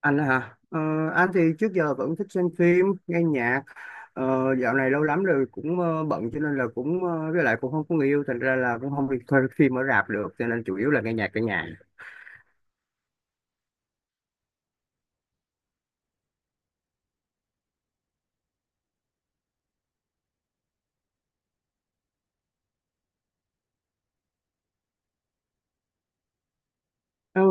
Anh hả? Ờ, anh thì trước giờ vẫn thích xem phim nghe nhạc. Dạo này lâu lắm rồi, cũng bận, cho nên là cũng, với lại cũng không có người yêu, thành ra là cũng không đi coi phim ở rạp được, cho nên chủ yếu là nghe nhạc ở nhà. Ờ,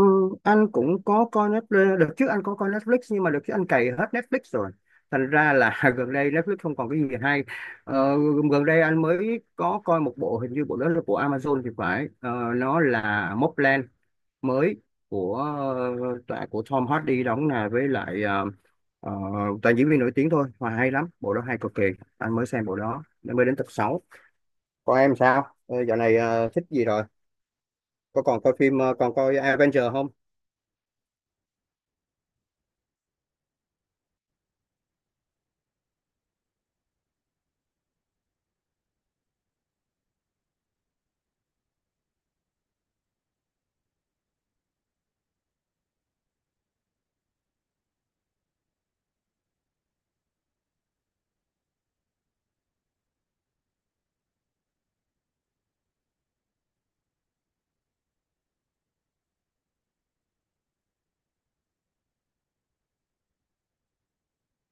anh cũng có coi Netflix. Đợt trước anh có coi Netflix, nhưng mà đợt trước anh cày hết Netflix rồi, thành ra là gần đây Netflix không còn cái gì hay. Ờ, Gần đây anh mới có coi một bộ, hình như bộ đó là của Amazon thì phải. Ờ, nó là Mobland mới, của tạ, của Tom Hardy đóng, là với lại ờ, toàn diễn viên nổi tiếng thôi, mà hay lắm, bộ đó hay cực kỳ. Anh mới xem bộ đó nên mới đến tập 6. Còn em sao? Ờ, Dạo này thích gì rồi, có còn coi phim, còn coi Avenger không?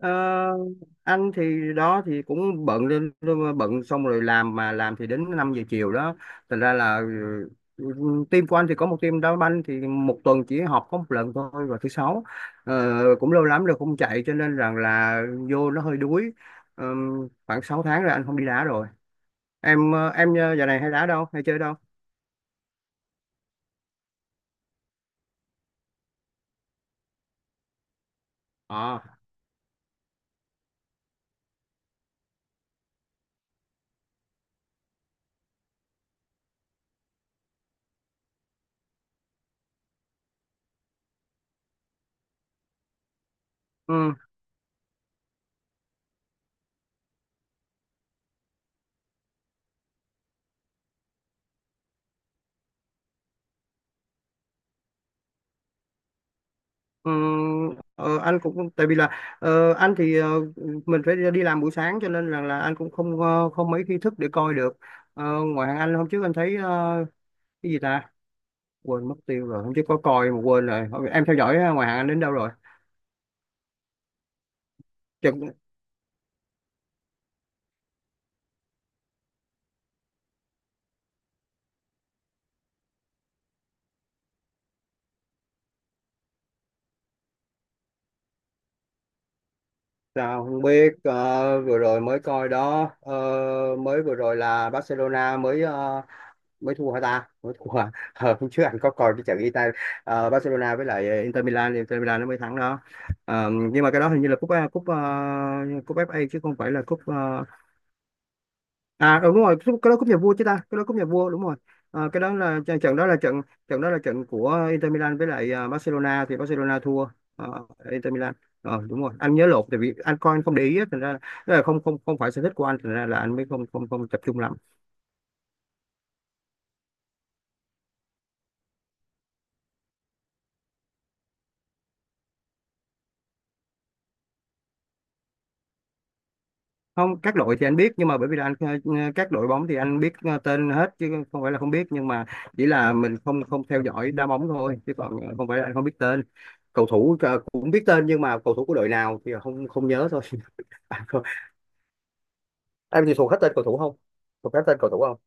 Ờ, anh thì đó thì cũng bận lên, bận xong rồi làm, mà làm thì đến 5 giờ chiều đó, thành ra là, ừ, team của anh thì có một team đá banh, thì một tuần chỉ họp có một lần thôi, vào thứ sáu. Cũng lâu lắm rồi không chạy, cho nên rằng là vô nó hơi đuối. Ờ, Khoảng 6 tháng rồi anh không đi đá rồi. Em giờ này hay đá đâu, hay chơi đâu? Ờ. Ừm, anh cũng tại vì là, anh thì, mình phải đi làm buổi sáng, cho nên là anh cũng không, không mấy khi thức để coi được. Ờ, Ngoài hàng anh hôm trước anh thấy, cái gì ta, quên mất tiêu rồi. Hôm trước có coi mà quên rồi. Thôi, em theo dõi ngoài hàng anh đến đâu rồi? Chừng, sao không biết, vừa rồi mới coi đó. Ờ, Mới vừa rồi là Barcelona mới, mới thua hả ta, mới thua à? Ờ, Hôm trước anh có coi cái trận Ita, Barcelona với lại Inter Milan, thì Inter Milan nó mới thắng đó. Nhưng mà cái đó hình như là cúp, cúp FA, chứ không phải là cúp, à, đúng rồi, cái đó cúp nhà vua chứ ta, cái đó cúp nhà vua đúng rồi. Cái đó là trận, trận đó là trận của Inter Milan với lại Barcelona, thì Barcelona thua ờ, Inter Milan. Đúng rồi, anh nhớ lộn, tại vì anh coi anh không để ý á, thành ra là, tức là không không không phải sở thích của anh, thành ra là anh mới không không không tập trung lắm. Không, các đội thì anh biết, nhưng mà bởi vì là anh, các đội bóng thì anh biết, tên hết, chứ không phải là không biết. Nhưng mà chỉ là mình không không theo dõi đá bóng thôi, chứ còn, không phải là anh không biết tên cầu thủ, cũng biết tên nhưng mà cầu thủ của đội nào thì không không nhớ thôi. À, không. Em thì thuộc hết tên cầu thủ không? Thuộc hết tên cầu thủ không?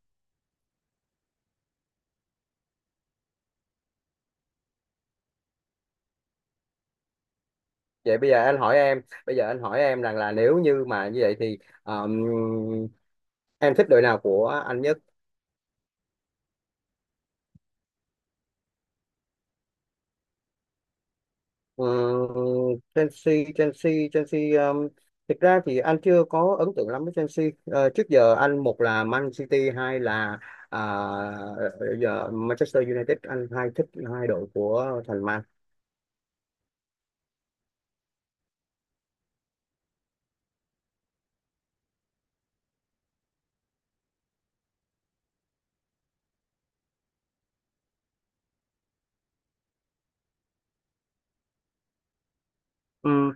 Vậy bây giờ anh hỏi em, bây giờ anh hỏi em rằng là, nếu như mà như vậy thì, um, em thích đội nào của anh nhất? Ờ, Chelsea Chelsea Chelsea um, Thực ra thì anh chưa có ấn tượng lắm với Chelsea. Ờ, Trước giờ anh một là Man City, hai là, à, ờ, giờ Manchester United, anh hai thích hai đội của thành Man. ừ,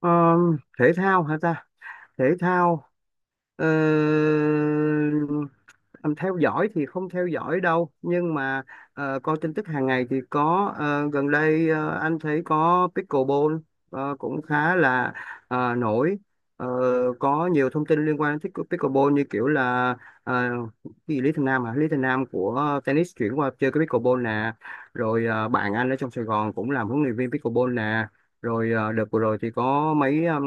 Thể thao hả ta? Thể thao. Ờ, Theo dõi thì không theo dõi đâu, nhưng mà coi tin tức hàng ngày thì có. Ờ, Gần đây anh thấy có pickleball, cũng khá là nổi. Ờ, có nhiều thông tin liên quan đến pickleball, như kiểu là, ờ, cái gì, Lý Thành Nam, à, Lý Thành Nam của tennis chuyển qua chơi cái pickleball nè. Rồi bạn anh ở trong Sài Gòn cũng làm huấn luyện viên pickleball nè. Rồi đợt vừa rồi thì có mấy, um,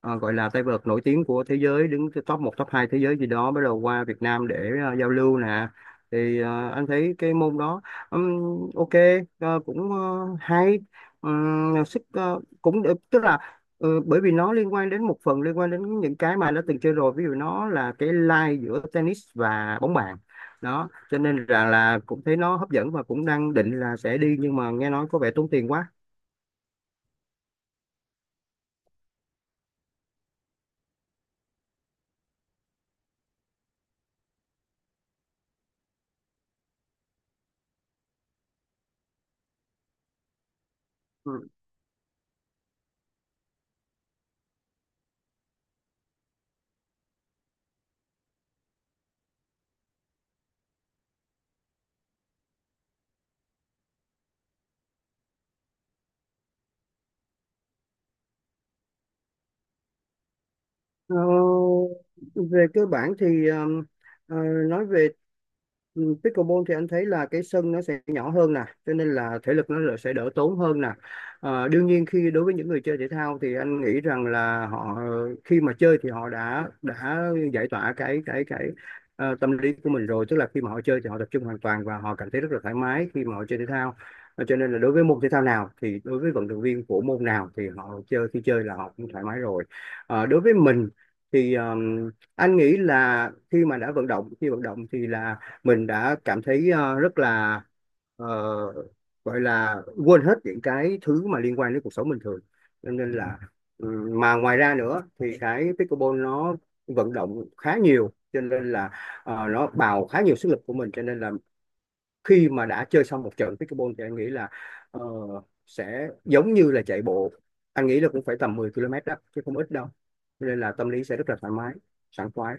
ờ, gọi là tay vợt nổi tiếng của thế giới, đứng top một top 2 thế giới gì đó, bắt đầu qua Việt Nam để giao lưu nè. Thì anh thấy cái môn đó, ok, cũng hay. Sức cũng được, tức là bởi vì nó liên quan đến một phần, liên quan đến những cái mà anh đã từng chơi rồi. Ví dụ nó là cái line giữa tennis và bóng bàn đó, cho nên là cũng thấy nó hấp dẫn, và cũng đang định là sẽ đi, nhưng mà nghe nói có vẻ tốn tiền quá. Ờ, Về cơ bản thì, ờ, nói về, pickleball thì anh thấy là cái sân nó sẽ nhỏ hơn nè, cho nên là thể lực nó là sẽ đỡ tốn hơn nè. Đương nhiên khi đối với những người chơi thể thao thì anh nghĩ rằng là họ, khi mà chơi thì họ đã giải tỏa cái tâm lý của mình rồi, tức là khi mà họ chơi thì họ tập trung hoàn toàn và họ cảm thấy rất là thoải mái khi mà họ chơi thể thao. Cho nên là đối với môn thể thao nào, thì đối với vận động viên của môn nào thì họ chơi, khi chơi là họ cũng thoải mái rồi. Đối với mình thì, anh nghĩ là khi mà đã vận động, khi vận động thì là mình đã cảm thấy, rất là, ờ, gọi là quên hết những cái thứ mà liên quan đến cuộc sống bình thường, cho nên là, mà ngoài ra nữa thì cái pickleball nó vận động khá nhiều, cho nên là nó bào khá nhiều sức lực của mình, cho nên là khi mà đã chơi xong một trận pickleball thì anh nghĩ là ờ, sẽ giống như là chạy bộ, anh nghĩ là cũng phải tầm 10 km đó, chứ không ít đâu. Cho nên là tâm lý sẽ rất là thoải mái, sảng khoái.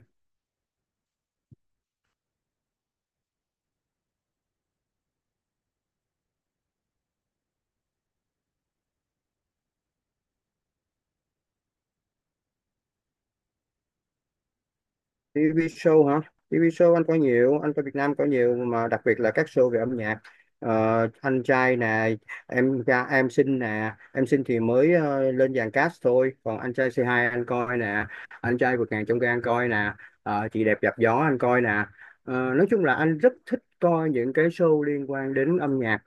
TV show hả? TV show anh coi nhiều, anh coi Việt Nam coi nhiều, mà đặc biệt là các show về âm nhạc. Anh trai nè, em xinh nè, em xinh thì mới lên dàn cast thôi, còn anh trai c hai anh coi nè, anh trai vượt ngàn chông gai anh coi nè, chị đẹp dạp gió anh coi nè. Nói chung là anh rất thích coi những cái show liên quan đến âm nhạc.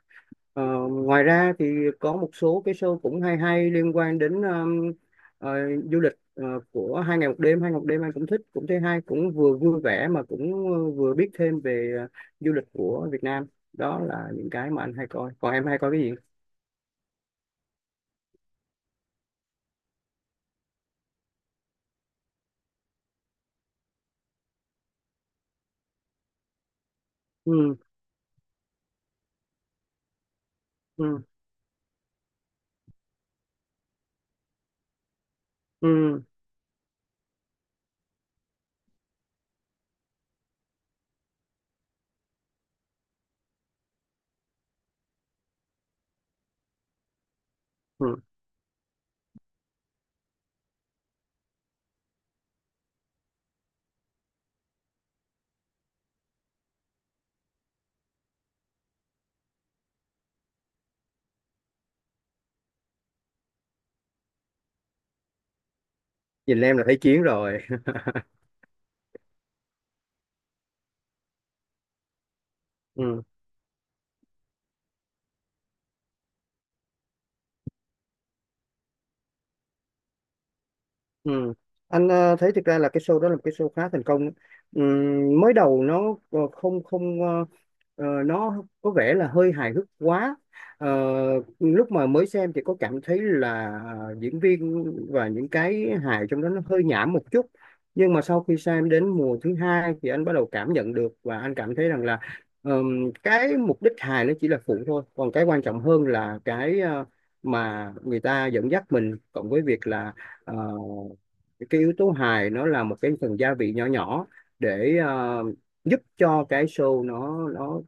Ờ, Ngoài ra thì có một số cái show cũng hay hay, liên quan đến ờ, du lịch, của hai ngày một đêm. Hai ngày một đêm anh cũng thích, cũng thấy hay, cũng vừa vui vẻ mà cũng vừa biết thêm về du lịch của Việt Nam. Đó là những cái mà anh hay coi, còn em hay coi cái gì? Ừ, ừ, ừ, ừ. Nhìn em là thấy chiến rồi. Ừ. Ừ. Anh thấy thực ra là cái show đó là một cái show khá thành công. Mới đầu nó không không, nó có vẻ là hơi hài hước quá. Ờ, Lúc mà mới xem thì có cảm thấy là diễn viên và những cái hài trong đó nó hơi nhảm một chút. Nhưng mà sau khi xem đến mùa thứ hai thì anh bắt đầu cảm nhận được, và anh cảm thấy rằng là cái mục đích hài nó chỉ là phụ thôi, còn cái quan trọng hơn là cái, mà người ta dẫn dắt mình, cộng với việc là ờ, cái yếu tố hài nó là một cái phần gia vị nhỏ nhỏ, để giúp cho cái show nó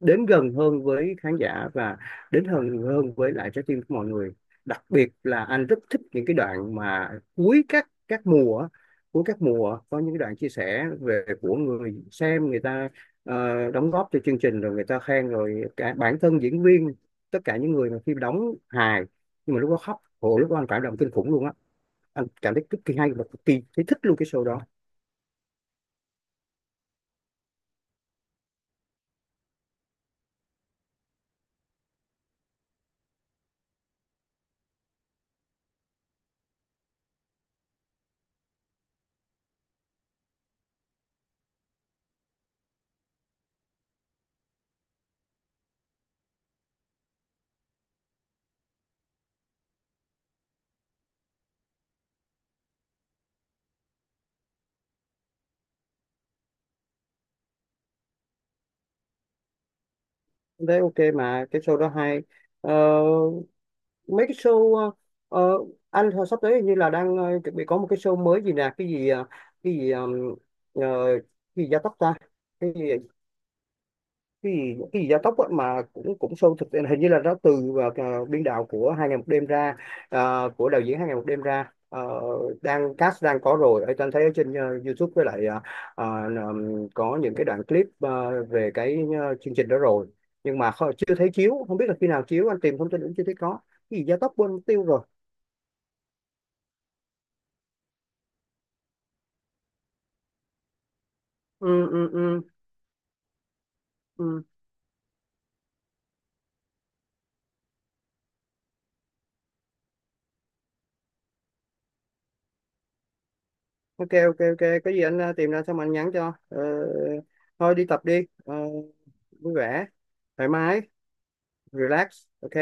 đến gần hơn với khán giả, và đến hơn hơn với lại trái tim của mọi người. Đặc biệt là anh rất thích những cái đoạn mà cuối các mùa á, cuối các mùa có những cái đoạn chia sẻ về của người xem, người ta đóng góp cho chương trình, rồi người ta khen, rồi cả bản thân diễn viên, tất cả những người mà khi đóng hài nhưng mà lúc đó khóc, hồi lúc đó anh cảm động kinh khủng luôn á, anh cảm thấy cực kỳ hay và cực kỳ thấy thích luôn cái show đó. Anh thấy ok mà cái show đó hay. Ờ, Mấy cái show, ờ, anh hồi sắp tới hình như là đang chuẩn bị có một cái show mới gì nè, cái gì, cái gì, ờ, cái gì gia tốc ta, cái gì, cái gì cái gì gia tốc á, mà cũng cũng show thực, hình như là nó từ biên đạo của hai ngày một đêm ra, của đạo diễn hai ngày một đêm ra. Ờ, Đang cast đang có rồi, ở anh thấy ở trên YouTube với lại ờ, có những cái đoạn clip về cái chương trình đó rồi. Nhưng mà chưa thấy chiếu, không biết là khi nào chiếu, anh tìm thông tin cũng chưa thấy có. Cái gì gia tốc quên mất tiêu rồi. Ừ, ừ, ừ, ừ. Ok, ok, ok. Cái gì anh tìm ra xong anh nhắn cho. Ờ, Thôi đi tập đi. Ờ, Vui vẻ, thoải mái, relax, ok.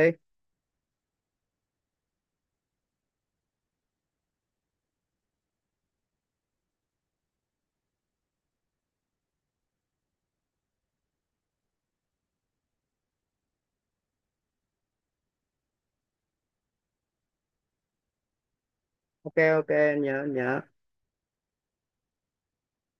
Ok, ok, Nhớ, nhớ.